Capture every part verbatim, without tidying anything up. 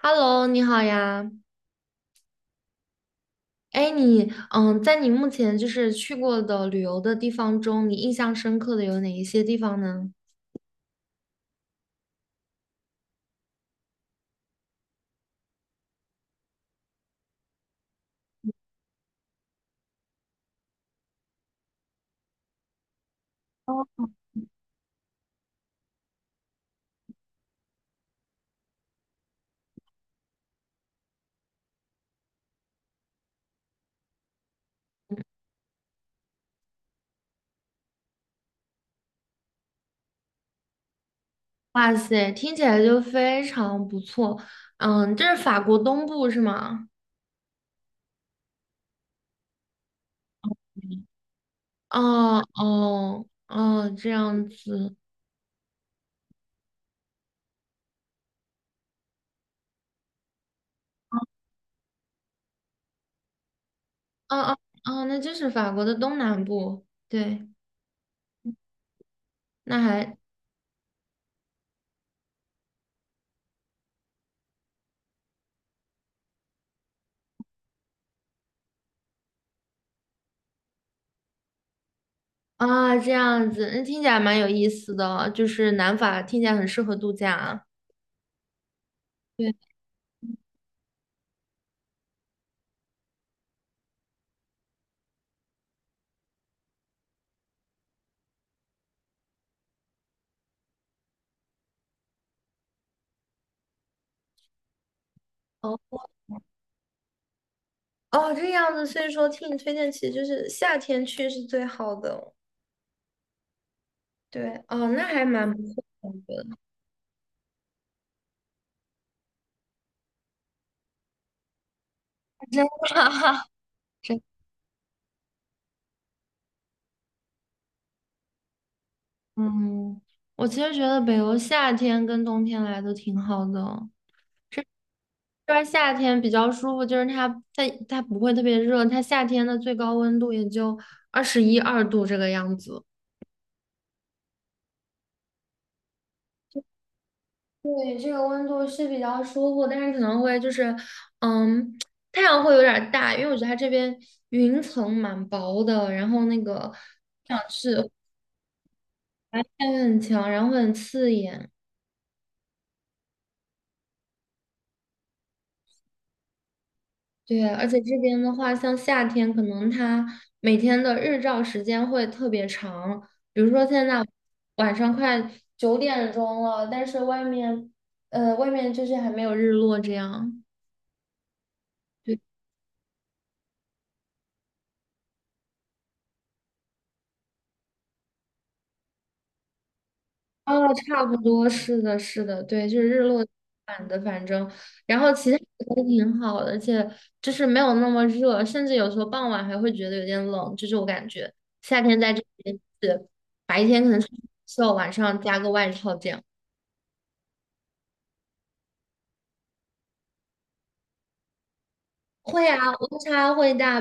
Hello，你好呀。哎，你嗯，在你目前就是去过的旅游的地方中，你印象深刻的有哪一些地方呢？哇塞，听起来就非常不错。嗯，这是法国东部是吗？哦哦哦，这样子。哦哦哦，那就是法国的东南部。对，那还啊，这样子，那听起来蛮有意思的，就是南法听起来很适合度假啊。对。哦。哦，这样子，所以说听你推荐，其实就是夏天去是最好的。对，哦，那还蛮不错的，我觉得 真的啊，真嗯，我其实觉得北欧夏天跟冬天来都挺好的哦。这边夏天比较舒服，就是它它它不会特别热，它夏天的最高温度也就二十一二度这个样子。对，这个温度是比较舒服，但是可能会就是，嗯，太阳会有点儿大，因为我觉得它这边云层蛮薄的，然后那个太阳是太阳很强，然后会很刺眼。对，而且这边的话，像夏天，可能它每天的日照时间会特别长，比如说现在晚上快九点钟了，但是外面，呃，外面就是还没有日落这样。对。哦，差不多，是的，是的，对，就是日落版的，反正，然后其他的都挺好的，而且就是没有那么热，甚至有时候傍晚还会觉得有点冷，就是我感觉夏天在这边是白天可能是袖，晚上加个外套这样。会啊，温差会大，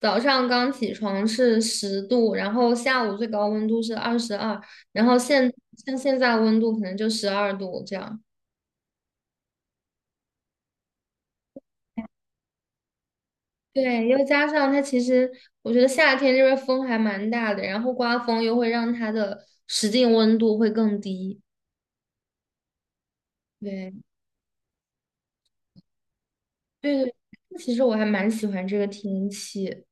早上刚起床是十度，然后下午最高温度是二十二，然后现像现在温度可能就十二度这样。对，又加上它其实，我觉得夏天这边风还蛮大的，然后刮风又会让它的实际温度会更低。对，对对，其实我还蛮喜欢这个天气。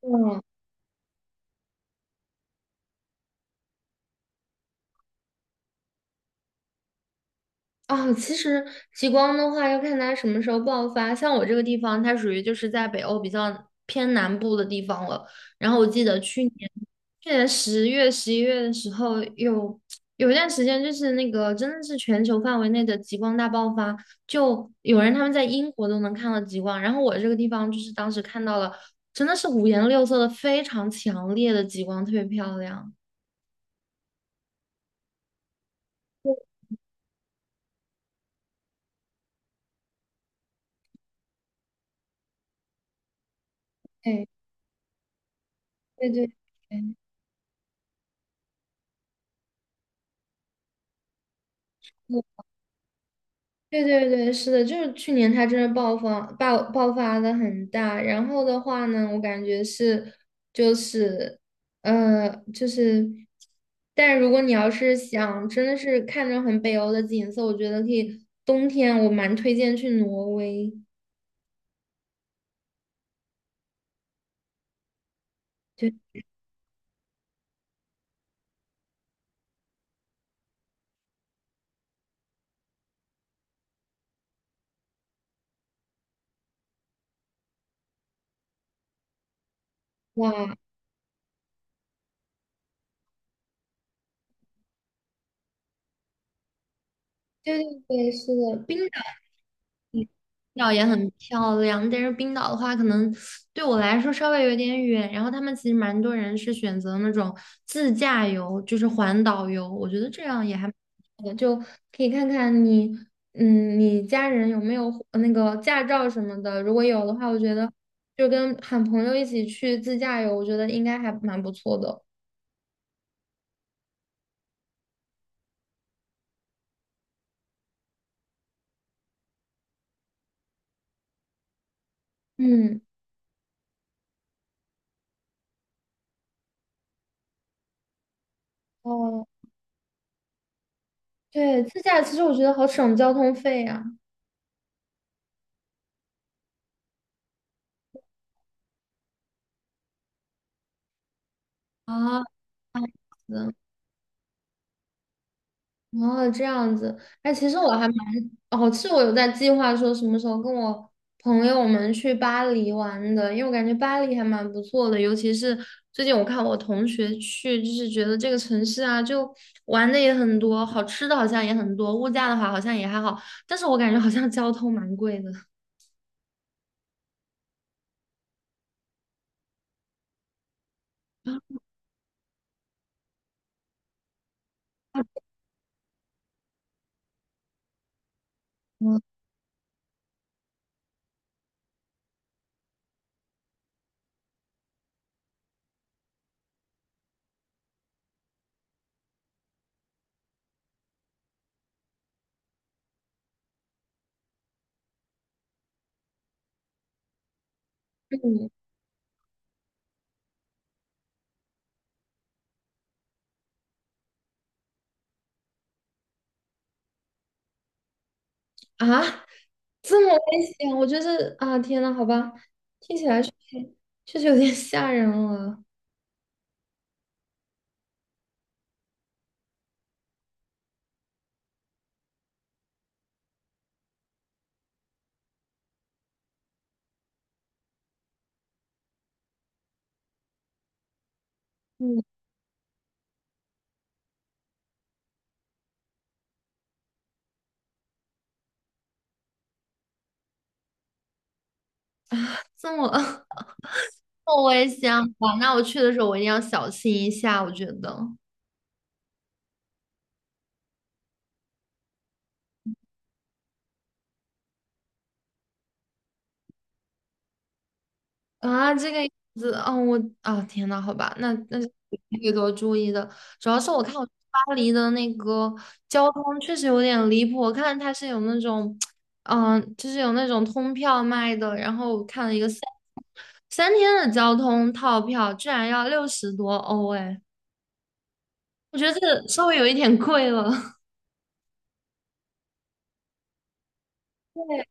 嗯，啊，其实极光的话要看它什么时候爆发。像我这个地方，它属于就是在北欧比较偏南部的地方了。然后我记得去年去年十月、十一月的时候有，有一段时间就是那个真的是全球范围内的极光大爆发，就有人他们在英国都能看到极光，然后我这个地方就是当时看到了，真的是五颜六色的非常强烈的极光，特别漂亮。对对对，对对对对，是的，就是去年它真的爆发爆爆发的很大，然后的话呢，我感觉是就是呃就是，但如果你要是想真的是看着很北欧的景色，我觉得可以冬天我蛮推荐去挪威，对哇，对对对，是的，冰岛。岛也很漂亮，但是冰岛的话，可能对我来说稍微有点远。然后他们其实蛮多人是选择那种自驾游，就是环岛游，我觉得这样也还蛮不错的，就可以看看你，嗯，你家人有没有呃那个驾照什么的。如果有的话，我觉得就跟喊朋友一起去自驾游，我觉得应该还蛮不错的。嗯，哦，对，自驾其实我觉得好省交通费啊。啊，是的哦，这样子，哎，其实我还蛮……哦，是我有在计划说什么时候跟我朋友们去巴黎玩的，因为我感觉巴黎还蛮不错的，尤其是最近我看我同学去，就是觉得这个城市啊，就玩的也很多，好吃的好像也很多，物价的话好像也还好，但是我感觉好像交通蛮贵的。嗯嗯啊，这么危险，我觉得啊，天呐，好吧，听起来确实确实有点吓人了。嗯。这么 这么危险吧？那我去的时候我一定要小心一下，我觉得啊，这个样子，哦，我啊，天呐，好吧，那那就会多注意的。主要是我看我去巴黎的那个交通确实有点离谱，我看它是有那种，嗯、就是有那种通票卖的，然后我看了一个三三天的交通套票，居然要六十多欧，哎，我觉得这个稍微有一点贵了。对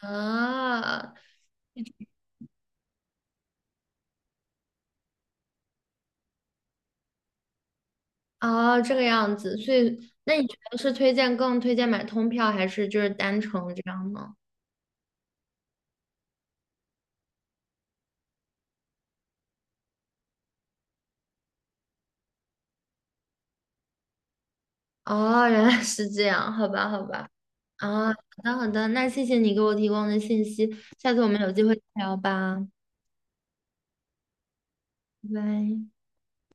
啊，哦，这个样子，所以那你觉得是推荐更推荐买通票，还是就是单程这样呢？哦，原来是这样，好吧，好吧，啊，好的好的，那谢谢你给我提供的信息，下次我们有机会再聊吧，拜拜。